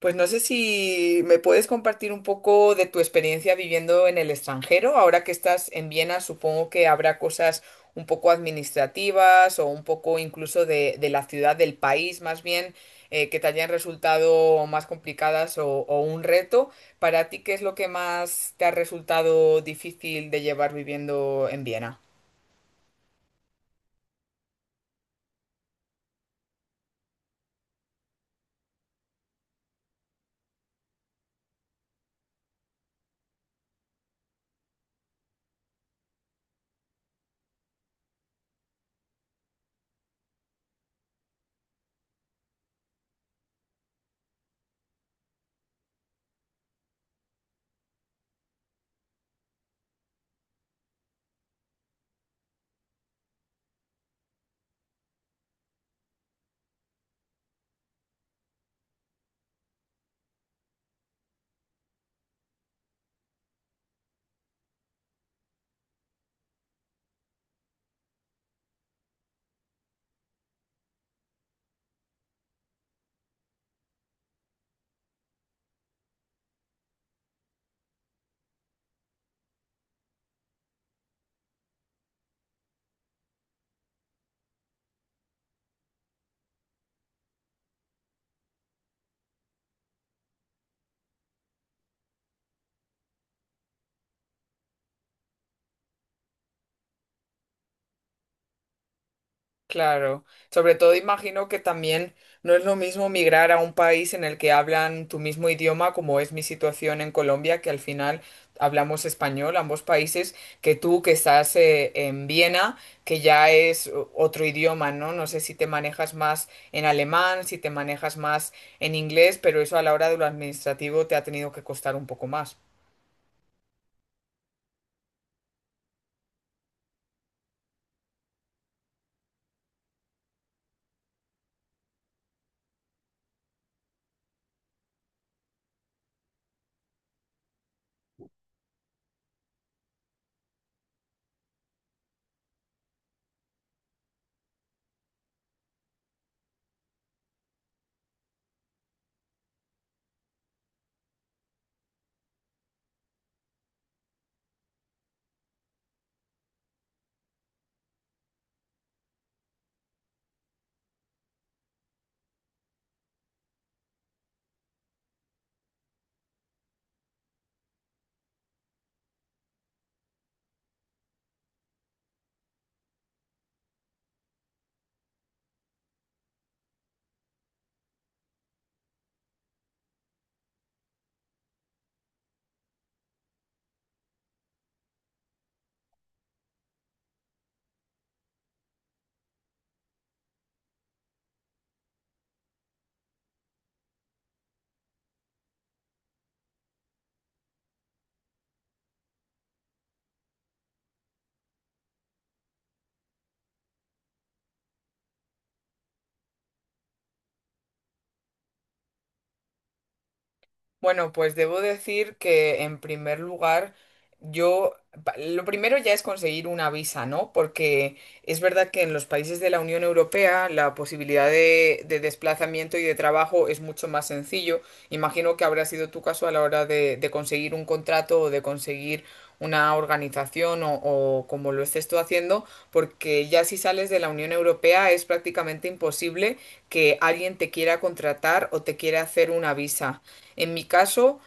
Pues no sé si me puedes compartir un poco de tu experiencia viviendo en el extranjero. Ahora que estás en Viena, supongo que habrá cosas un poco administrativas o un poco incluso de la ciudad, del país más bien, que te hayan resultado más complicadas o un reto. Para ti, ¿qué es lo que más te ha resultado difícil de llevar viviendo en Viena? Claro, sobre todo imagino que también no es lo mismo migrar a un país en el que hablan tu mismo idioma, como es mi situación en Colombia, que al final hablamos español, ambos países, que tú que estás en Viena, que ya es otro idioma, ¿no? No sé si te manejas más en alemán, si te manejas más en inglés, pero eso a la hora de lo administrativo te ha tenido que costar un poco más. Bueno, pues debo decir que en primer lugar, yo, lo primero ya es conseguir una visa, ¿no? Porque es verdad que en los países de la Unión Europea la posibilidad de desplazamiento y de trabajo es mucho más sencillo. Imagino que habrá sido tu caso a la hora de conseguir un contrato o de conseguir una organización o como lo estés tú haciendo, porque ya si sales de la Unión Europea es prácticamente imposible que alguien te quiera contratar o te quiera hacer una visa. En mi caso,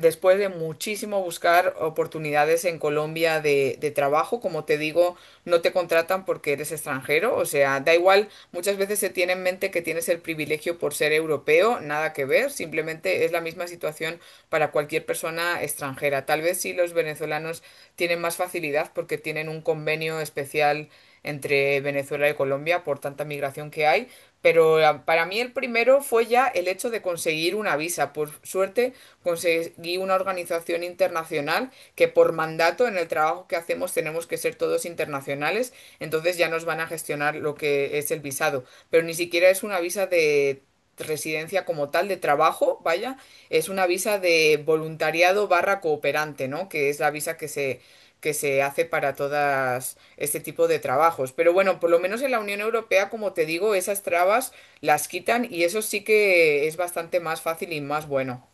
después de muchísimo buscar oportunidades en Colombia de trabajo, como te digo, no te contratan porque eres extranjero, o sea, da igual, muchas veces se tiene en mente que tienes el privilegio por ser europeo, nada que ver, simplemente es la misma situación para cualquier persona extranjera. Tal vez sí los venezolanos tienen más facilidad porque tienen un convenio especial entre Venezuela y Colombia por tanta migración que hay, pero para mí el primero fue ya el hecho de conseguir una visa. Por suerte, conseguí una organización internacional que por mandato en el trabajo que hacemos tenemos que ser todos internacionales, entonces ya nos van a gestionar lo que es el visado, pero ni siquiera es una visa de residencia como tal de trabajo, vaya, es una visa de voluntariado barra cooperante, ¿no? Que es la visa que se hace para todas este tipo de trabajos. Pero bueno, por lo menos en la Unión Europea, como te digo, esas trabas las quitan y eso sí que es bastante más fácil y más bueno.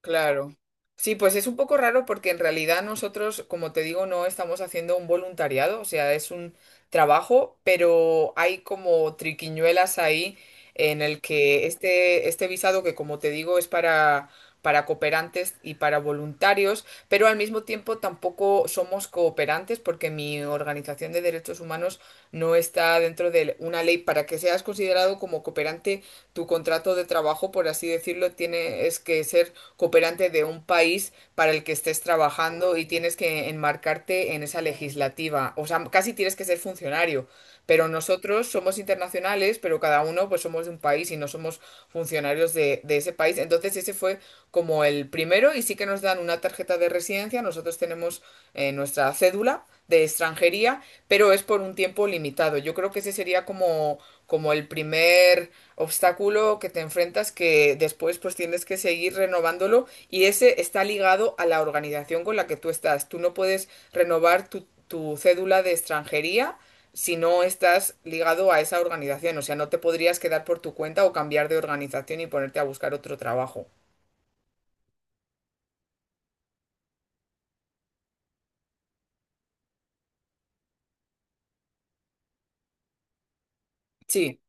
Claro. Sí, pues es un poco raro porque en realidad nosotros, como te digo, no estamos haciendo un voluntariado, o sea, es un trabajo, pero hay como triquiñuelas ahí en el que este visado que, como te digo, es para cooperantes y para voluntarios, pero al mismo tiempo tampoco somos cooperantes porque mi organización de derechos humanos no está dentro de una ley. Para que seas considerado como cooperante, tu contrato de trabajo, por así decirlo, tiene es que ser cooperante de un país para el que estés trabajando y tienes que enmarcarte en esa legislativa. O sea, casi tienes que ser funcionario. Pero nosotros somos internacionales, pero cada uno pues somos de un país y no somos funcionarios de ese país. Entonces ese fue como el primero y sí que nos dan una tarjeta de residencia. Nosotros tenemos nuestra cédula de extranjería, pero es por un tiempo limitado. Yo creo que ese sería como, como el primer obstáculo que te enfrentas que después pues tienes que seguir renovándolo y ese está ligado a la organización con la que tú estás. Tú no puedes renovar tu, tu cédula de extranjería si no estás ligado a esa organización. O sea, no te podrías quedar por tu cuenta o cambiar de organización y ponerte a buscar otro trabajo. Sí.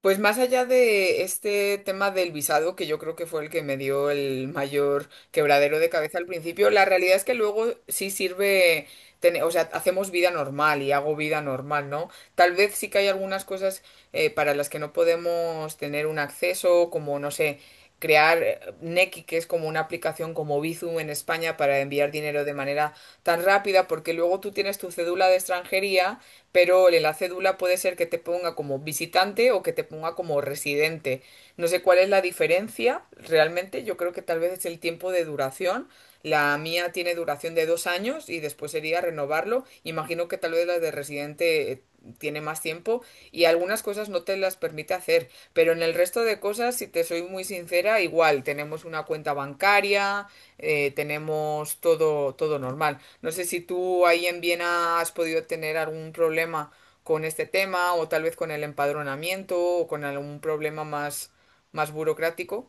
Pues más allá de este tema del visado, que yo creo que fue el que me dio el mayor quebradero de cabeza al principio, la realidad es que luego sí sirve, tener- o sea, hacemos vida normal y hago vida normal, ¿no? Tal vez sí que hay algunas cosas para las que no podemos tener un acceso, como, no sé, crear Nequi, que es como una aplicación como Bizum en España para enviar dinero de manera tan rápida, porque luego tú tienes tu cédula de extranjería pero el enlace DULA puede ser que te ponga como visitante o que te ponga como residente. No sé cuál es la diferencia realmente, yo creo que tal vez es el tiempo de duración. La mía tiene duración de 2 años y después sería renovarlo. Imagino que tal vez la de residente tiene más tiempo y algunas cosas no te las permite hacer, pero en el resto de cosas, si te soy muy sincera, igual tenemos una cuenta bancaria, tenemos todo, todo normal. No sé si tú ahí en Viena has podido tener algún problema con este tema o tal vez con el empadronamiento o con algún problema más, más burocrático,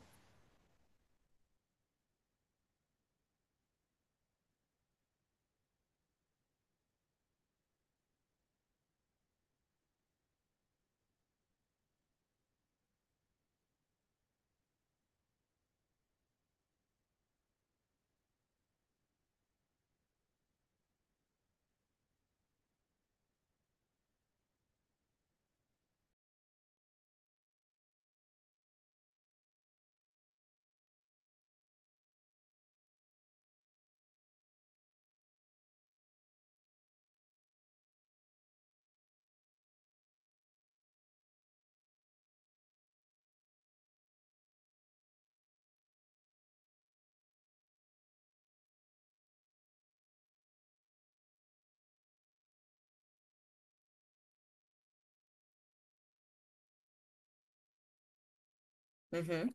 ujú,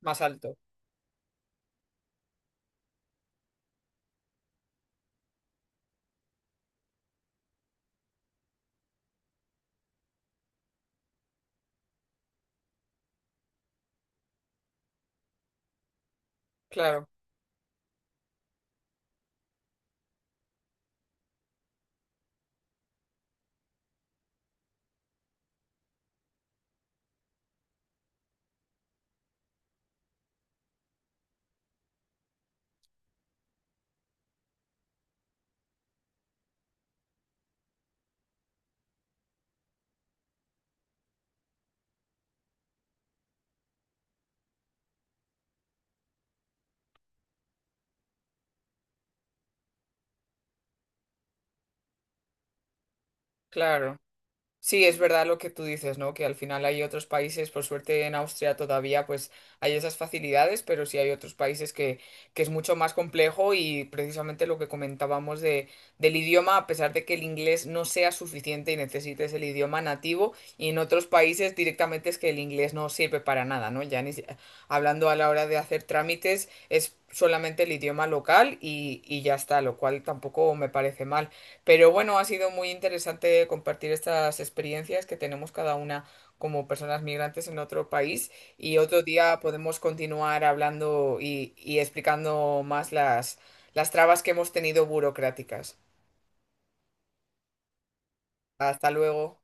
más alto. Claro, claro. Sí, es verdad lo que tú dices, ¿no? Que al final hay otros países, por suerte en Austria todavía pues hay esas facilidades, pero sí hay otros países que es mucho más complejo y precisamente lo que comentábamos de, del idioma, a pesar de que el inglés no sea suficiente y necesites el idioma nativo, y en otros países directamente es que el inglés no sirve para nada, ¿no? Ya ni si- hablando a la hora de hacer trámites es solamente el idioma local y ya está, lo cual tampoco me parece mal. Pero bueno, ha sido muy interesante compartir estas experiencias que tenemos cada una como personas migrantes en otro país y otro día podemos continuar hablando y explicando más las trabas que hemos tenido burocráticas. Hasta luego.